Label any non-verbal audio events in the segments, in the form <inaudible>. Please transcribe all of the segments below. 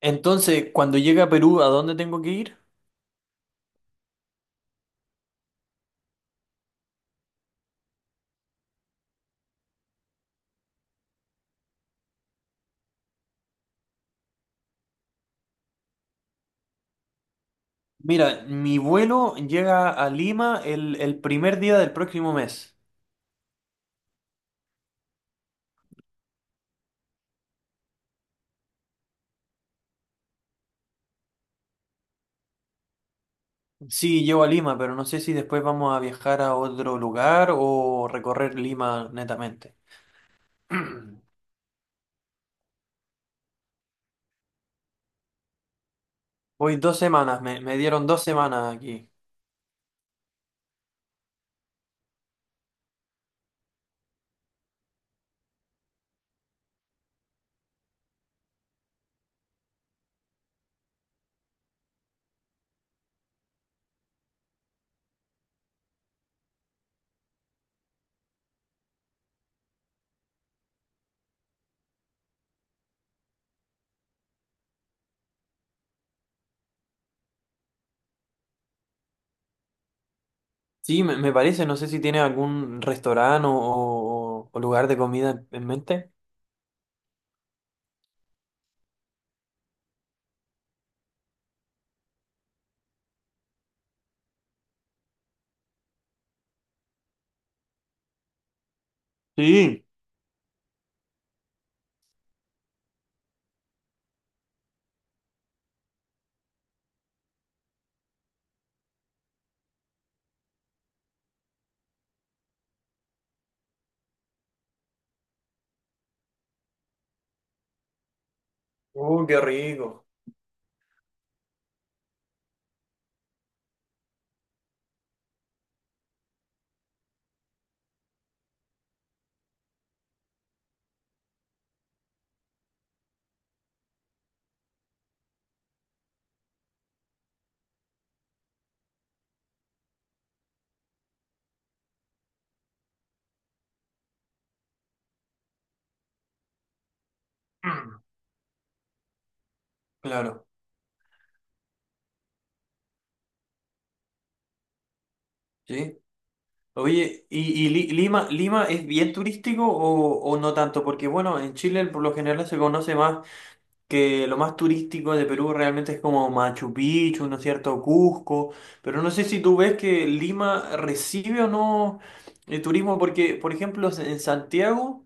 Entonces, cuando llegue a Perú, ¿a dónde tengo que ir? Mira, mi vuelo llega a Lima el primer día del próximo mes. Sí, llego a Lima, pero no sé si después vamos a viajar a otro lugar o recorrer Lima netamente. <clears throat> Voy 2 semanas, me dieron 2 semanas aquí. Sí, me parece, no sé si tiene algún restaurante o lugar de comida en mente. Sí. Qué rico. <clears throat> Claro. Sí. Oye, ¿y Lima es bien turístico o no tanto? Porque bueno, en Chile por lo general se conoce más que lo más turístico de Perú realmente es como Machu Picchu, ¿no es cierto? Cusco, pero no sé si tú ves que Lima recibe o no el turismo, porque, por ejemplo, en Santiago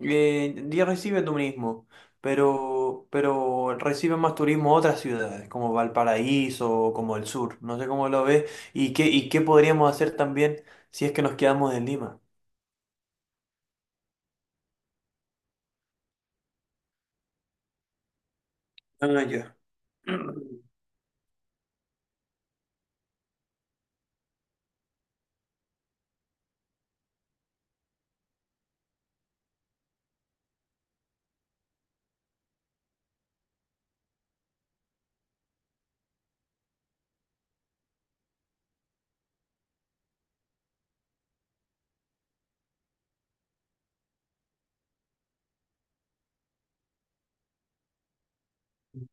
ya recibe turismo, pero reciben más turismo otras ciudades, como Valparaíso o como el sur, no sé cómo lo ves, y qué podríamos hacer también si es que nos quedamos en Lima. Ah, ya. <clears throat>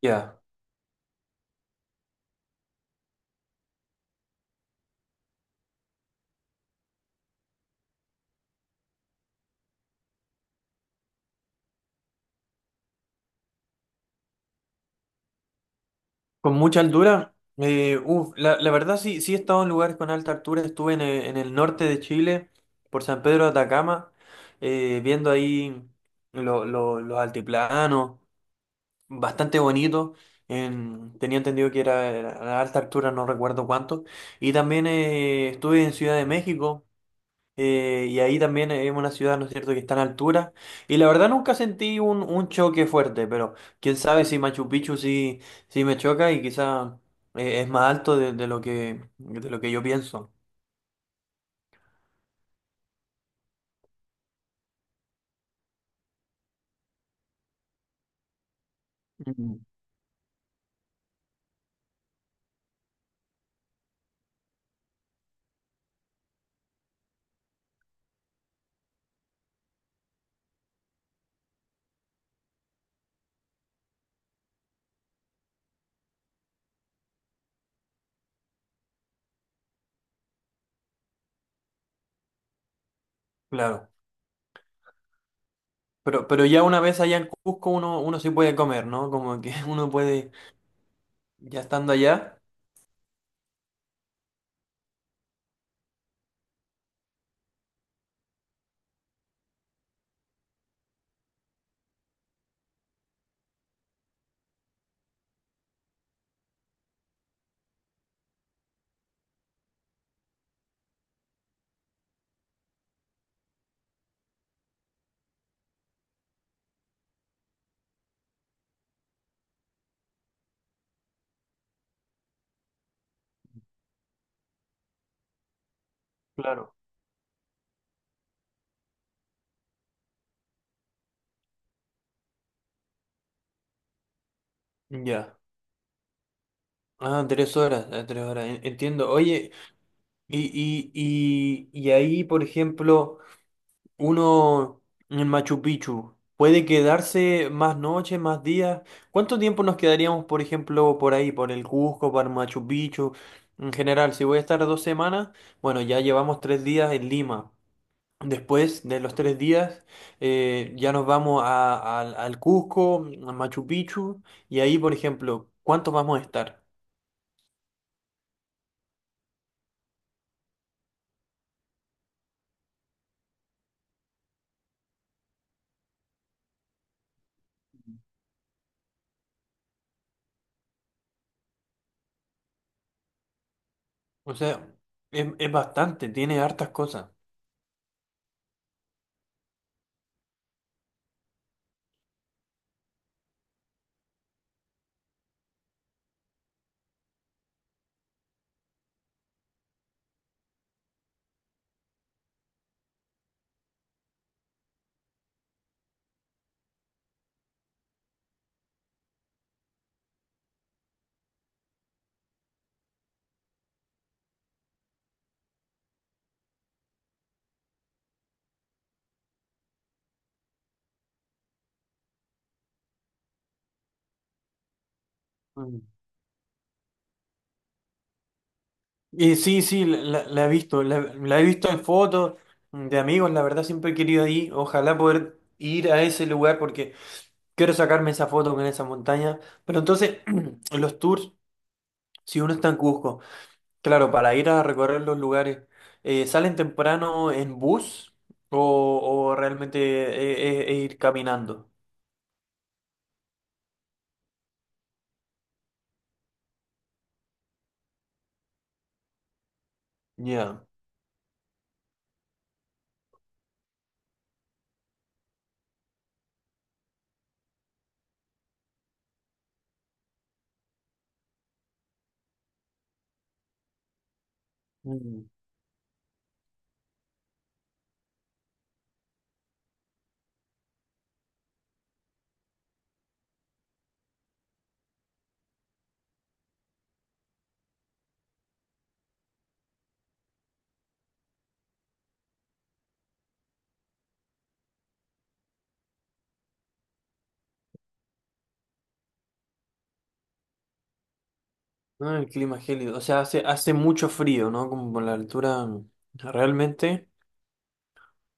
Ya. Con mucha altura, uf, la verdad sí, sí he estado en lugares con alta altura, estuve en el norte de Chile, por San Pedro de Atacama, viendo ahí los altiplanos, bastante bonito, tenía entendido que era a alta altura, no recuerdo cuánto, y también estuve en Ciudad de México, y ahí también es una ciudad, ¿no es cierto?, que está en altura. Y la verdad nunca sentí un choque fuerte, pero quién sabe si Machu Picchu sí, sí me choca y quizá es más alto de lo que yo pienso. Mm. Claro. Pero ya una vez allá en Cusco uno sí puede comer, ¿no? Como que <laughs> uno puede, ya estando allá. Claro. Ya. Ah, 3 horas, 3 horas, entiendo. Oye, y, y ahí, por ejemplo... Uno en Machu Picchu puede quedarse más noches, más días. ¿Cuánto tiempo nos quedaríamos, por ejemplo, por ahí, por el Cusco, por Machu Picchu? En general, si voy a estar 2 semanas, bueno, ya llevamos 3 días en Lima. Después de los 3 días, ya nos vamos al Cusco, a Machu Picchu, y ahí, por ejemplo, ¿cuánto vamos a estar? O sea, es bastante, tiene hartas cosas. Y sí, sí, la he visto, la he visto en fotos de amigos, la verdad siempre he querido ir, ojalá poder ir a ese lugar porque quiero sacarme esa foto con esa montaña. Pero entonces, <clears throat> los tours, si uno está en Cusco, claro, para ir a recorrer los lugares, ¿salen temprano en bus o, o realmente ir caminando? Ya. Mm. Ah, el clima es gélido, o sea, hace mucho frío, ¿no? Como por la altura, realmente,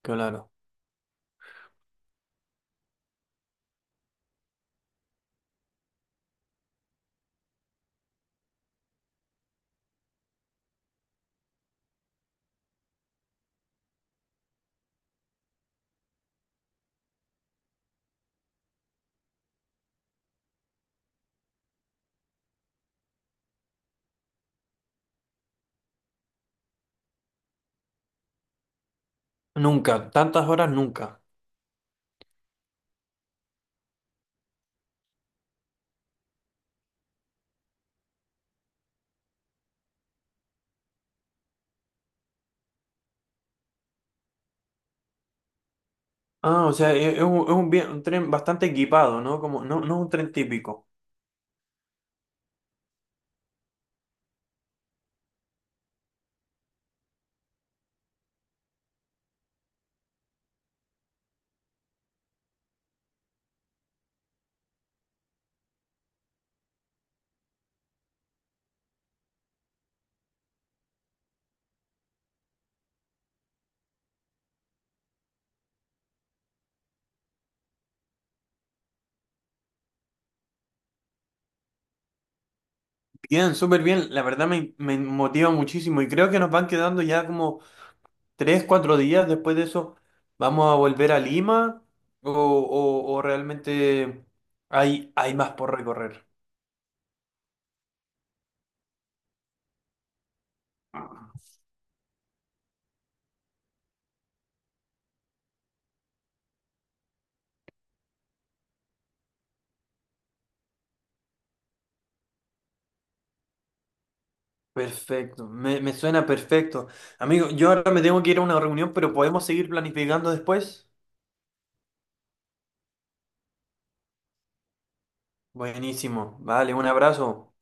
claro. Nunca, tantas horas nunca. Ah, o sea, es un tren bastante equipado, ¿no? Como, no, no es un tren típico. Bien, súper bien, la verdad me motiva muchísimo y creo que nos van quedando ya como 3, 4 días después de eso. ¿Vamos a volver a Lima o realmente hay más por recorrer? Perfecto, me suena perfecto. Amigo, yo ahora me tengo que ir a una reunión, pero podemos seguir planificando después. Buenísimo, vale, un abrazo.